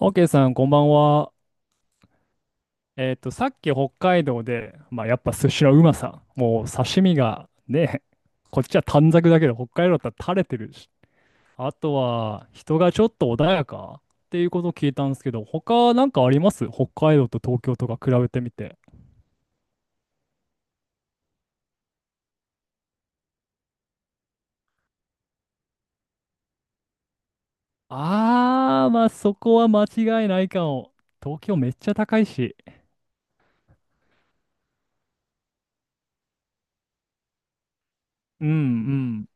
オーケーさん、こんばんは。さっき北海道で、まあ、やっぱ寿司のうまさ、もう刺身がね、こっちは短冊だけど、北海道だったら垂れてるし、あとは人がちょっと穏やかっていうことを聞いたんですけど、他なんかあります北海道と東京とか比べてみて。あー、まあそこは間違いないかも。東京めっちゃ高いし。うん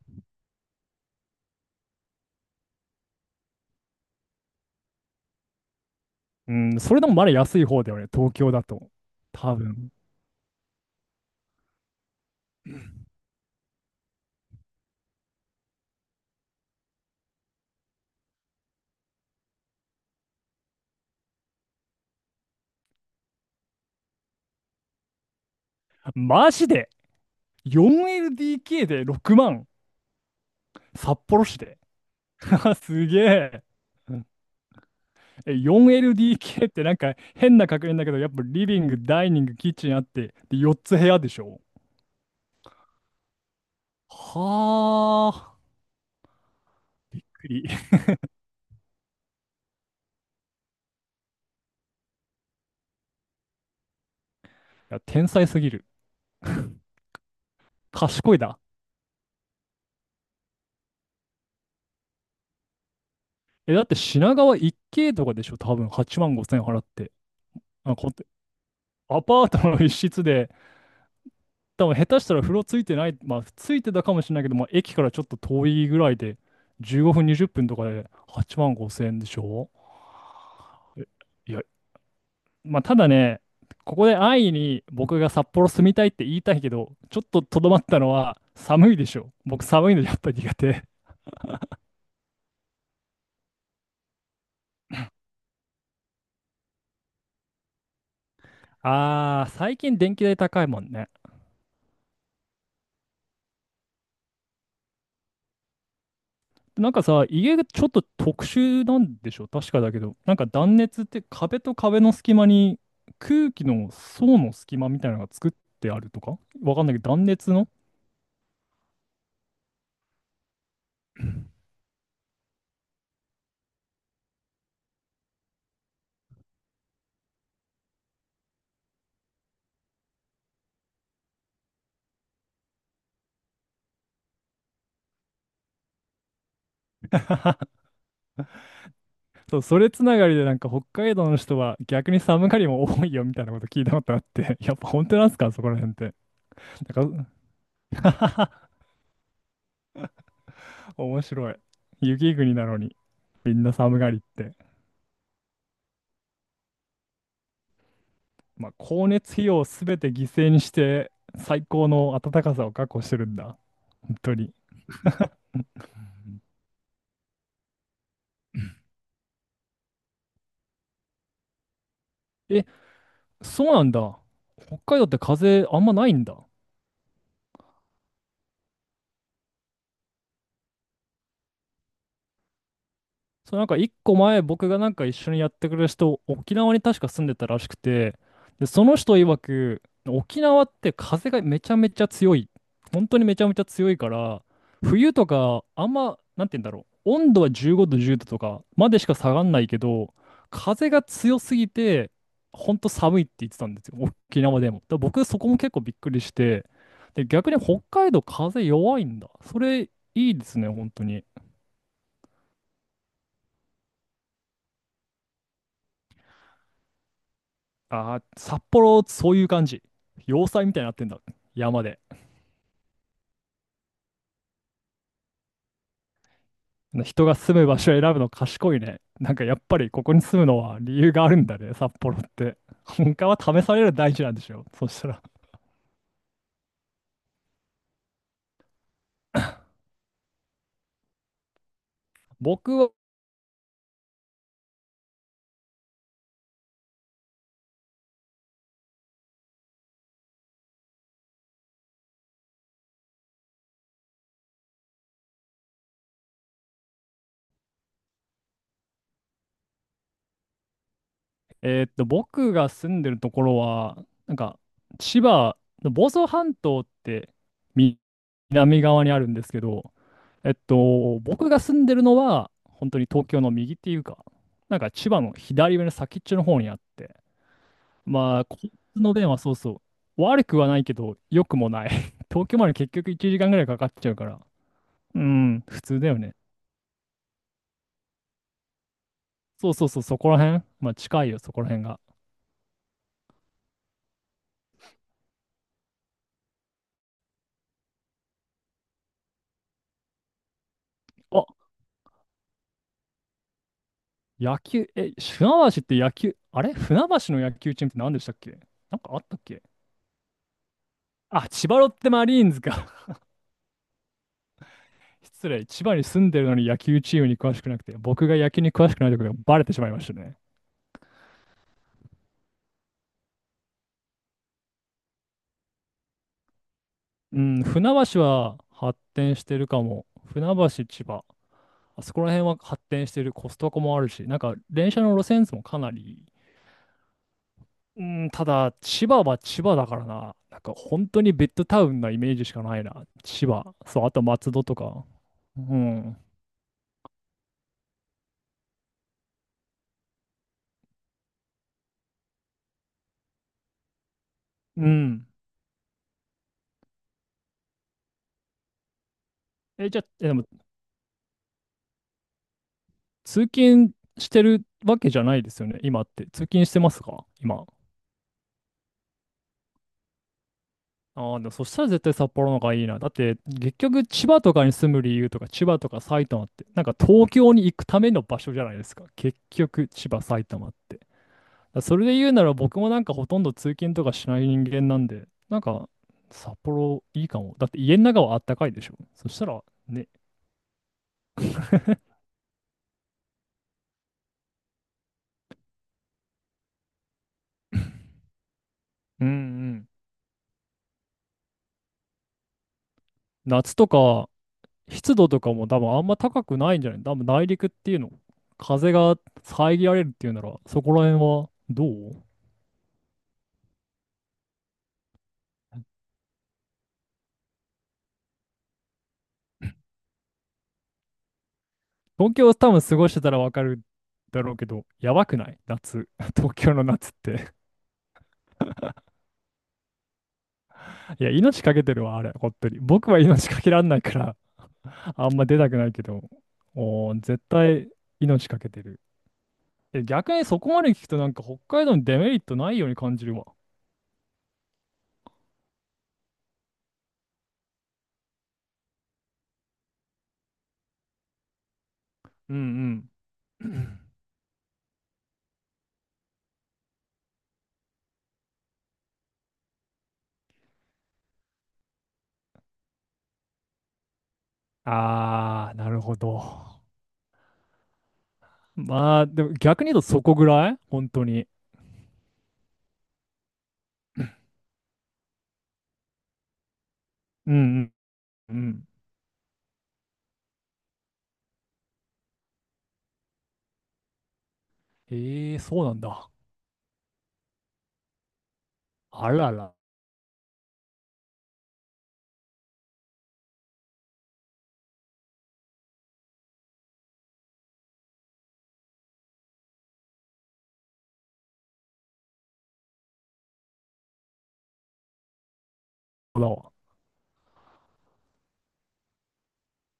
うん。うん、それでもまだ安い方だよね、東京だと。多分。マジで、 4LDK で6万。札幌市で。すげえ。え、4LDK ってなんか変な確認だけど、やっぱリビング、ダイニング、キッチンあって、で、4つ部屋でしょ。はあ。びっくり。いや、天才すぎる。賢いだ。え、だって品川一 k とかでしょ、多分8万5千払って。あ、こ、アパートの一室で多分下手したら風呂ついてない、まあついてたかもしれないけど、まあ駅からちょっと遠いぐらいで、15分、20分とかで8万5千円でしょ。え、いや、まあただね、ここで安易に僕が札幌住みたいって言いたいけど、ちょっととどまったのは寒いでしょ。僕寒いのやっぱ苦手。あー、最近電気代高いもんね。なんかさ、家がちょっと特殊なんでしょ確かだけど。なんか断熱って壁と壁の隙間に空気の層の隙間みたいなのが作ってあるとか、わかんないけど断熱の。そう、それつながりでなんか北海道の人は逆に寒がりも多いよみたいなこと聞いたことあって、 やっぱ本当なんすかそこら辺って。なんか面白い。雪国なのにみんな寒がりって。まあ光熱費用を全て犠牲にして最高の暖かさを確保してるんだ。本当に。え、そうなんだ。北海道って風あんまないんだ。そう、なんか一個前僕がなんか一緒にやってくれる人、沖縄に確か住んでたらしくて、で、その人曰く、沖縄って風がめちゃめちゃ強い。本当にめちゃめちゃ強いから、冬とかあんま、なんて言うんだろう。温度は15度、10度とかまでしか下がんないけど、風が強すぎて、本当寒いって言ってたんですよ。沖縄でも。だから僕そこも結構びっくりして、で、逆に北海道風弱いんだ。それいいですね、本当に。ああ、札幌、そういう感じ。要塞みたいになってんだ。山で。人が住む場所を選ぶの賢いね。なんかやっぱりここに住むのは理由があるんだね、札幌って。他は試される大事なんでしょ。そしたら。僕は、僕が住んでるところは、なんか、千葉の房総半島ってみ南側にあるんですけど、僕が住んでるのは、本当に東京の右っていうか、なんか千葉の左上の先っちょの方にあって、まあ、交通の便はそうそう。悪くはないけど、良くもない。東京まで結局1時間ぐらいかかっちゃうから。うん、普通だよね。そうそうそう、そこら辺。まあ、近いよ、そこら辺が。あ、野球、え、船橋って野球、あれ船橋の野球チームって何でしたっけ？なんかあったっけ？あ、千葉ロッテマリーンズか。失礼、千葉に住んでるのに野球チームに詳しくなくて、僕が野球に詳しくないところがバレてしまいましたね。うん、船橋は発展してるかも。船橋、千葉。あそこら辺は発展してるコストコもあるし、なんか電車の路線図もかなり、うん、ただ千葉は千葉だからな、なんか本当にベッドタウンなイメージしかないな、千葉。そう、あと松戸とか。うん。うん。え、じゃあ、え、でも通勤してるわけじゃないですよね、今って。通勤してますか今。ああ、でもそしたら絶対札幌の方がいいな。だって、結局千葉とかに住む理由とか、千葉とか埼玉って、なんか東京に行くための場所じゃないですか。結局、千葉、埼玉って。だそれで言うなら僕もなんかほとんど通勤とかしない人間なんで、なんか札幌いいかも。だって家の中はあったかいでしょ。そしたらね、うんうん。夏とか湿度とかも多分あんま高くないんじゃない、多分内陸っていうの、風が遮られるっていうなら、そこら辺はどう。東京多分過ごしてたらわかるだろうけど、やばくない夏。東京の夏って。いや、命かけてるわ、あれ、本当に。僕は命かけらんないから、あんま出たくないけど、おー絶対命かけてる。え、逆にそこまで聞くとなんか北海道にデメリットないように感じるわ。うんうん。 あー、なるほど。まあ、でも逆に言うとそこぐらい本当に。うん。うんうんうん。えー、そうなんだ。あらら。だわ。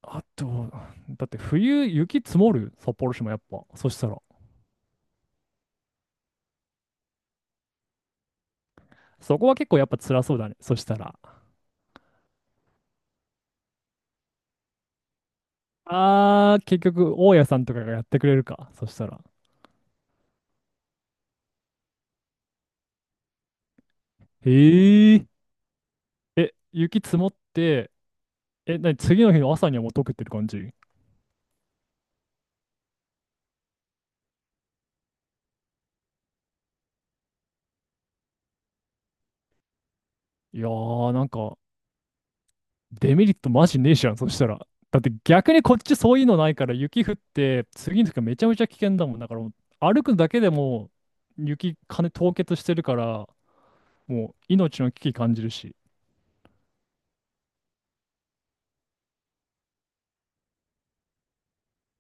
あと、だって冬雪積もる札幌市もやっぱ。そしたら。そこは結構やっぱ辛そうだね。そしたら。あー、結局大家さんとかがやってくれるか。そしたら。へえ。え、雪積もって、え、なに、次の日の朝にはもう溶けてる感じ？いやー、なんか、デメリットマジねえじゃん、そしたら。だって逆にこっちそういうのないから、雪降って、次の日がめちゃめちゃ危険だもん。だからもう、歩くだけでも、雪、金凍結してるから、もう、命の危機感じるし。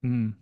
うん。